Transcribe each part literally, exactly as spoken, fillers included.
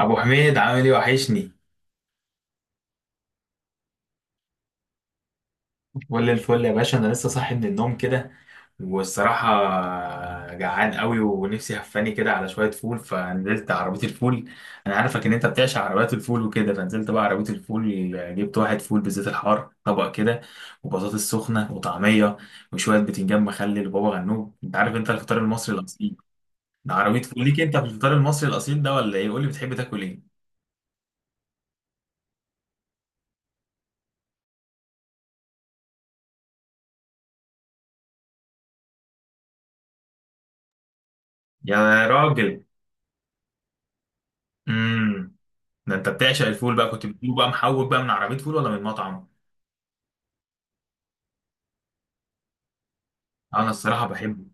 ابو حميد، عامل ايه؟ وحشني. كل الفل يا باشا، انا لسه صاحي من النوم كده. والصراحه جعان قوي ونفسي هفاني كده على شويه فول، فنزلت عربيه الفول. انا عارفك ان انت بتعشق عربيات الفول وكده، فنزلت بقى عربيه الفول. جبت واحد فول بالزيت الحار طبق كده، وبطاطس سخنه وطعميه وشويه بتنجان مخلل وبابا غنوج. انت عارف، انت الفطار المصري الاصيل ده، عربيه فول ليك انت في الفطار المصري الاصيل ده ولا ايه؟ قول لي بتحب تاكل ايه. يا راجل. امم ده انت بتعشق الفول بقى، كنت بتجيبه بقى محوج بقى من عربيه فول ولا من مطعم؟ انا الصراحه بحبه،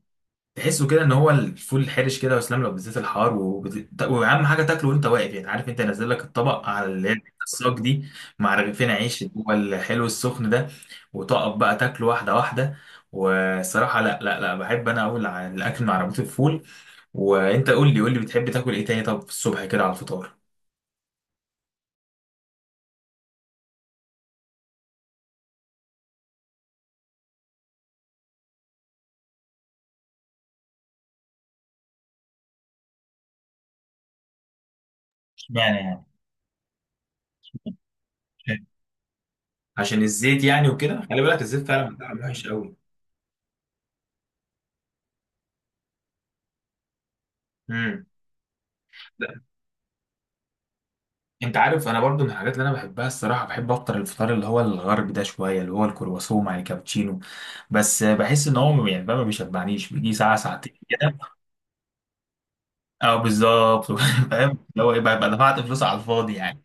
تحسه كده ان هو الفول الحرش كده وسلام، لو بالذات الحار، وبت... واهم حاجه تاكله وانت واقف، يعني عارف انت نازل لك الطبق على اللي هي الحتة الصاج دي، مع رغيفين عيش اللي هو الحلو السخن ده، وتقف بقى تاكله واحده واحده. والصراحه لا لا لا، بحب انا اقول على الاكل من عربيه الفول. وانت قول لي قول لي بتحب تاكل ايه تاني، طب الصبح كده على الفطار؟ اشمعنى يعني؟ عشان الزيت يعني وكده، خلي بالك الزيت فعلا بتاعه وحش قوي. امم انت عارف انا برضو من الحاجات اللي انا بحبها الصراحه، بحب افطر الفطار اللي هو الغرب ده شويه، اللي هو الكرواسون مع الكابتشينو، بس بحس ان هو يعني بقى ما بيشبعنيش، بيجي ساعه ساعتين كده. اه بالظبط. فاهم اللي هو ايه، بقى بقى دفعت فلوس على الفاضي يعني.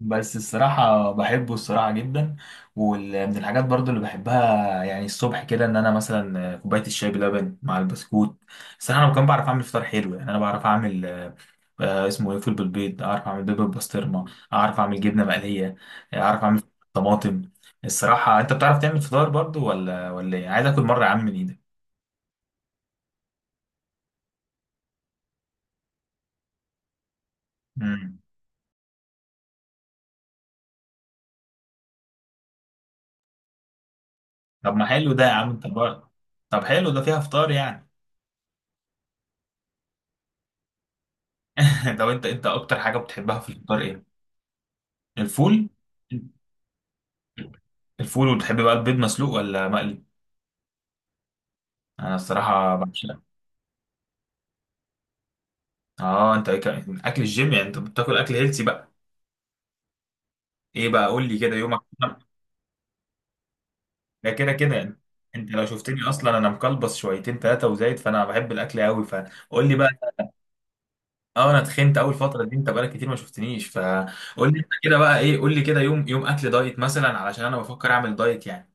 بس الصراحة بحبه الصراحة جدا. ومن الحاجات برضو اللي بحبها يعني الصبح كده، ان انا مثلا كوباية الشاي بلبن مع البسكوت. الصراحة انا كمان بعرف اعمل فطار حلو، يعني انا بعرف اعمل آه، آه، اسمه ايه، فول بالبيض، اعرف اعمل بيض بالبسطرمة، اعرف اعمل جبنة مقلية، اعرف اعمل طماطم. الصراحة انت بتعرف تعمل فطار برضو ولا ولا ايه؟ عايز اكل مرة يا عم من ايدك. مم. طب ما حلو ده يا عم انت بقى. طب حلو ده، فيها فطار يعني؟ لو انت انت اكتر حاجة بتحبها في الفطار ايه؟ الفول. الفول، وتحب بقى البيض مسلوق ولا مقلي؟ انا الصراحه بعشقه. اه انت ك- اكل الجيم يعني، انت بتاكل اكل هيلسي بقى؟ ايه بقى، قول لي كده يومك. ده كده كده يعني، انت لو شفتني اصلا انا مكلبص شويتين ثلاثه وزايد، فانا بحب الاكل قوي، فقول لي بقى. اه، انا تخنت اول فتره دي، انت بقالك كتير ما شفتنيش، فقول لي انت كده بقى ايه، قول لي كده يوم، يوم اكل دايت مثلا، علشان انا بفكر اعمل دايت يعني.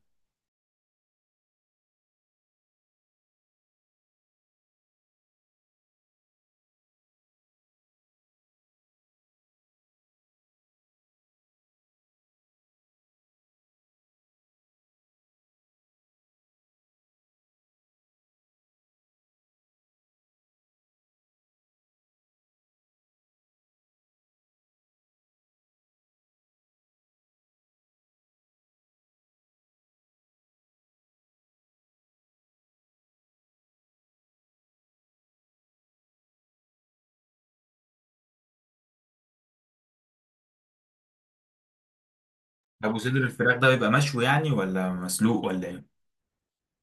ابو صدر الفراخ ده بيبقى مشوي يعني ولا مسلوق ولا ايه؟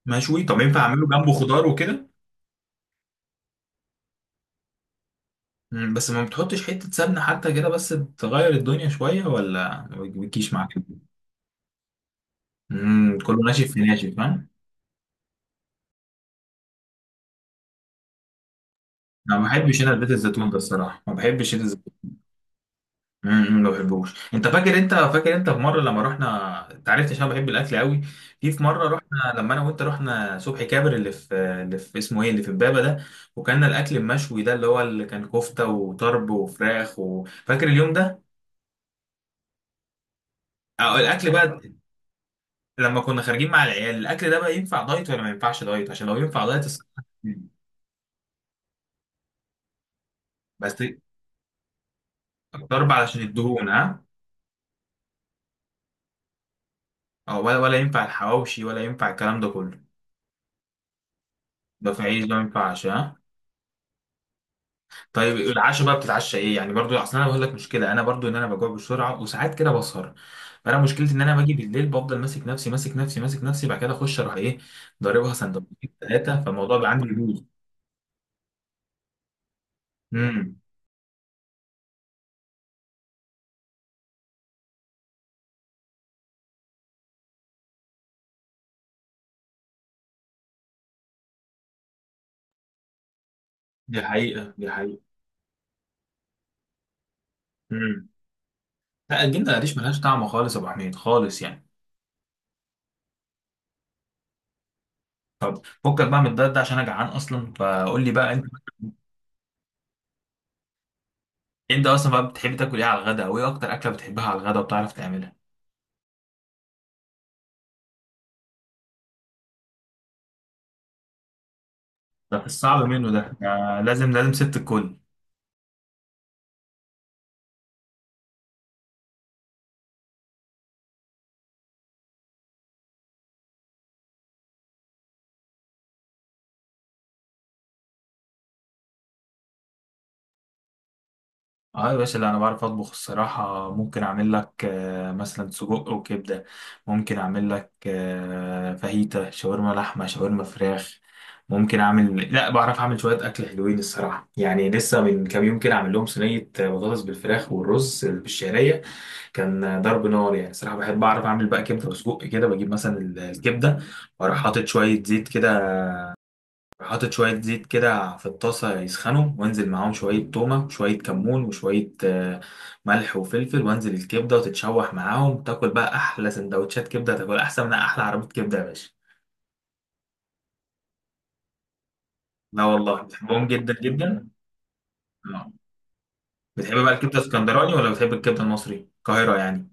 مشوي، طب ينفع اعمله جنبه خضار وكده؟ مم، بس ما بتحطش حتة سمنة حتى كده بس، تغير الدنيا شوية، ولا ما بتجيش معاك؟ امم كله ناشف في ناشف، فاهم. انا ما بحبش انا زيت الزيتون ده، الصراحة ما بحبش زيت الزيتون. امم أمم، ما بحبوش. انت فاكر، انت فاكر انت في مرة لما رحنا، انت عرفت عشان أنا بحب الاكل قوي. في في مرة رحنا، لما انا وانت رحنا صبحي كابر، اللي في اللي في اسمه ايه، اللي في امبابة ده، وكان الاكل المشوي ده اللي هو اللي كان كفتة وطرب وفراخ، وفاكر اليوم ده؟ أو الاكل بقى، لما كنا خارجين مع العيال، الاكل ده بقى ينفع دايت ولا ما ينفعش دايت؟ عشان لو ينفع دايت الصراحة. بس ضرب علشان الدهون، ها. أو ولا ولا ينفع الحواوشي، ولا ينفع الكلام ده كله؟ ده في عيش ده، ما ينفعش ها. طيب العشاء بقى بتتعشى ايه يعني؟ برضو اصل انا بقول لك مشكله، انا برضو ان انا بجوع بسرعه وساعات كده بسهر، فانا مشكلتي ان انا باجي بالليل، بفضل ماسك نفسي ماسك نفسي ماسك نفسي، بعد كده اخش اروح ايه، ضاربها سندوتشين ثلاثه، فالموضوع بقى عندي بيبوظ. امم دي حقيقه دي حقيقه. امم لا، الجبنه القريش ملهاش طعم خالص يا ابو حميد، خالص يعني. فكك بقى من الدايت ده، عشان انا جعان اصلا، فقول لي بقى انت، انت اصلا بقى بتحب تاكل ايه على الغداء، او ايه اكتر اكله بتحبها على الغداء وبتعرف تعملها؟ ده الصعب منه ده، آه، لازم لازم ست الكل. اه يا باشا، لا انا بعرف اطبخ الصراحه، ممكن اعمل لك آه، مثلا سجق وكبده، ممكن اعمل لك آه، فاهيتا شاورما، لحمه شاورما فراخ. ممكن اعمل لا، بعرف اعمل شويه اكل حلوين الصراحه، يعني لسه من كام يوم كده عامل لهم صينيه بطاطس بالفراخ والرز بالشعريه، كان ضرب نار يعني. صراحة بحب أعرف أعمل بقى كبدة وسجق كده، بجيب مثلا ال- الكبدة، وأروح حاطط شوية زيت كده، حاطط شوية زيت كده في الطاسة يسخنوا، وأنزل معاهم شوية تومة وشوية كمون وشوية آه، ملح وفلفل، وأنزل الكبدة وتتشوح معاهم، تاكل بقى أحلى سندوتشات كبدة، تاكل أحسن من أحلى عربية كبدة يا باشا. لا والله بحبهم جدا جدا. آه. بتحب بقى الكبدة اسكندراني ولا بتحب الكبدة المصري، القاهرة يعني؟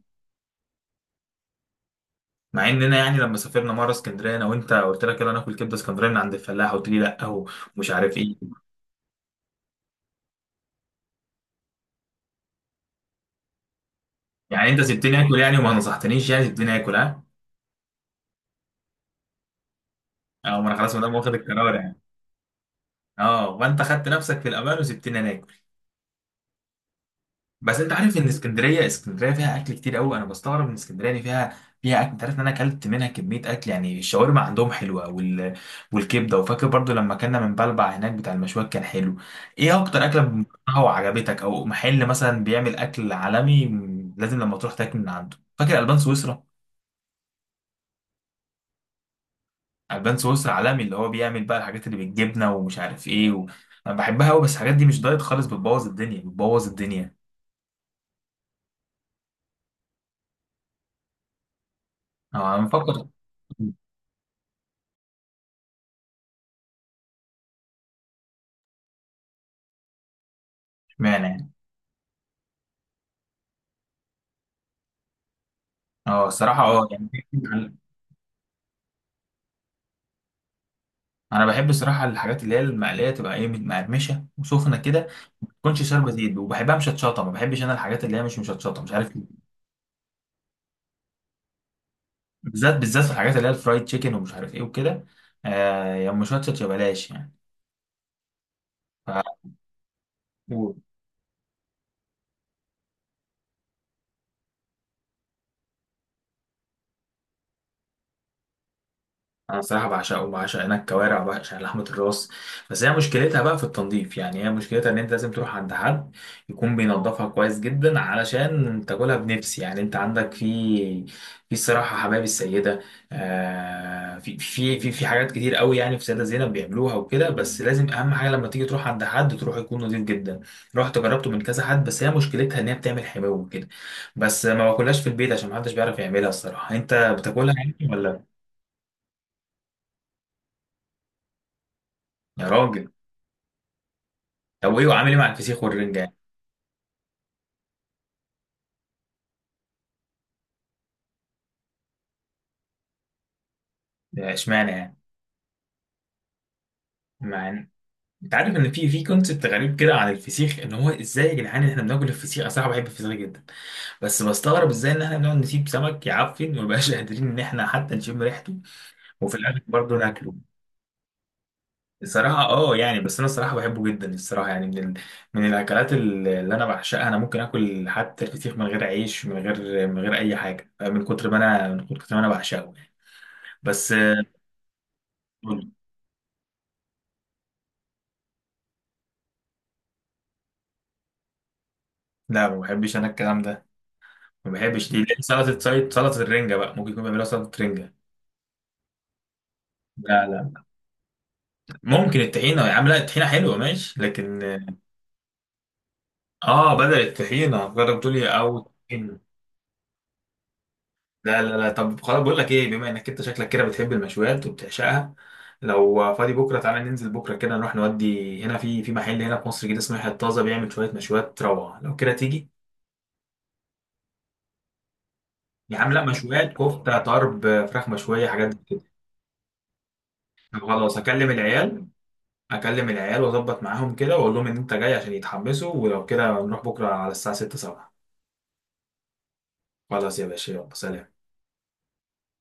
مع اننا يعني لما سافرنا مره اسكندريه انا وانت، قلت لك يلا ناكل كبده اسكندريه من عند الفلاح، قلت لي لا، هو مش عارف ايه. يعني انت سبتني اكل يعني، وما نصحتنيش يعني، سبتني اكل، ها؟ اه، ما انا خلاص ما دام واخد القرار يعني. اه، وانت خدت نفسك في الامان، وسبتني انا اكل. بس انت عارف ان اسكندريه، اسكندريه فيها اكل كتير قوي، انا بستغرب ان اسكندريه دي فيها فيها اكل. انت عارف ان انا اكلت منها كميه اكل يعني، الشاورما عندهم حلوه، وال... والكبده. وفاكر برضو لما كنا من بلبع هناك بتاع المشويات، كان حلو. ايه اكتر اكله بتكرهها وعجبتك، او محل مثلا بيعمل اكل عالمي م- لازم لما تروح تاكل من عنده؟ فاكر البان سويسرا؟ البان سويسرا عالمي، اللي هو بيعمل بقى الحاجات اللي بالجبنه ومش عارف ايه و... انا بحبها قوي، بس الحاجات دي مش دايت خالص، بتبوظ الدنيا بتبوظ الدنيا. انا مفكر. اشمعنى يعني؟ اه الصراحة اه يعني. انا بحب الصراحة الحاجات اللي هي المقلية، تبقى ايه مقرمشة وسخنة كده، ما تكونش شاربة زيت، وبحبها مشطشطة، ما بحبش انا الحاجات اللي هي مش مشطشطة، مش عارف ليه. بالذات بالذات في الحاجات اللي هي الفرايد تشيكن ومش عارف ايه وكده، آه يا مشطشط يا بلاش يعني. انا صراحه بعشقه، بعشق هناك كوارع وبعشق لحمه الراس، بس هي مشكلتها بقى في التنظيف يعني، هي مشكلتها ان انت لازم تروح عند حد يكون بينظفها كويس جدا علشان تاكلها بنفس، يعني انت عندك في في الصراحه حبايب السيده. آه، في في في في حاجات كتير قوي يعني، في سيده زينب بيعملوها وكده، بس لازم اهم حاجه لما تيجي تروح عند حد، تروح يكون نظيف جدا. رحت جربته من كذا حد، بس هي مشكلتها ان هي بتعمل حماوه وكده، بس ما باكلهاش في البيت عشان محدش بيعرف يعملها الصراحه. انت بتاكلها يعني ولا؟ يا راجل. طب وايه، وعامل ايه مع الفسيخ والرنجة يعني؟ ده اشمعنى يعني؟ مع إن- انت عارف ان في في كونسبت غريب كده عن الفسيخ، ان هو ازاي يا جدعان ان احنا بناكل الفسيخ؟ انا صراحه بحب الفسيخ جدا، بس بستغرب ازاي ان احنا بنقعد نسيب سمك يعفن، ومبقاش قادرين ان احنا حتى نشم ريحته، وفي الاخر برضه ناكله. الصراحه اه يعني، بس انا الصراحه بحبه جدا الصراحه، يعني من ال... من الاكلات ال- اللي انا بعشقها، انا ممكن اكل حتى الفسيخ من غير عيش، من غير من غير اي حاجه، من كتر ما انا من كتر ما انا بعشقه يعني. بس آه، لا ما بحبش انا الكلام ده، ما بحبش دي دي سلطه سلطه سلطة الرنجه بقى، ممكن يكون بيعملوها سلطه رنجه. لا لا. ممكن الطحينه يا عم، لا الطحينه حلوه ماشي لكن. اه بدل الطحينه، جرب تقول لي او الطحينة. لا لا لا، طب خلاص بقول لك ايه، بما انك انت شكلك كده بتحب المشويات وبتعشقها، لو فاضي بكره تعالى ننزل بكره كده، نروح نودي هنا في في محل هنا في مصر كده اسمه يحيى الطازه، بيعمل شويه مشويات روعه، لو كده تيجي. يا عم لا، مشويات كفته طرب، فراخ مشويه، حاجات دي كده. طب خلاص، هكلم العيال، اكلم العيال واظبط معاهم كده، واقول لهم ان انت جاي عشان يتحمسوا، ولو كده نروح بكره على الساعه ستة سبعة. خلاص يا باشا، يلا سلام.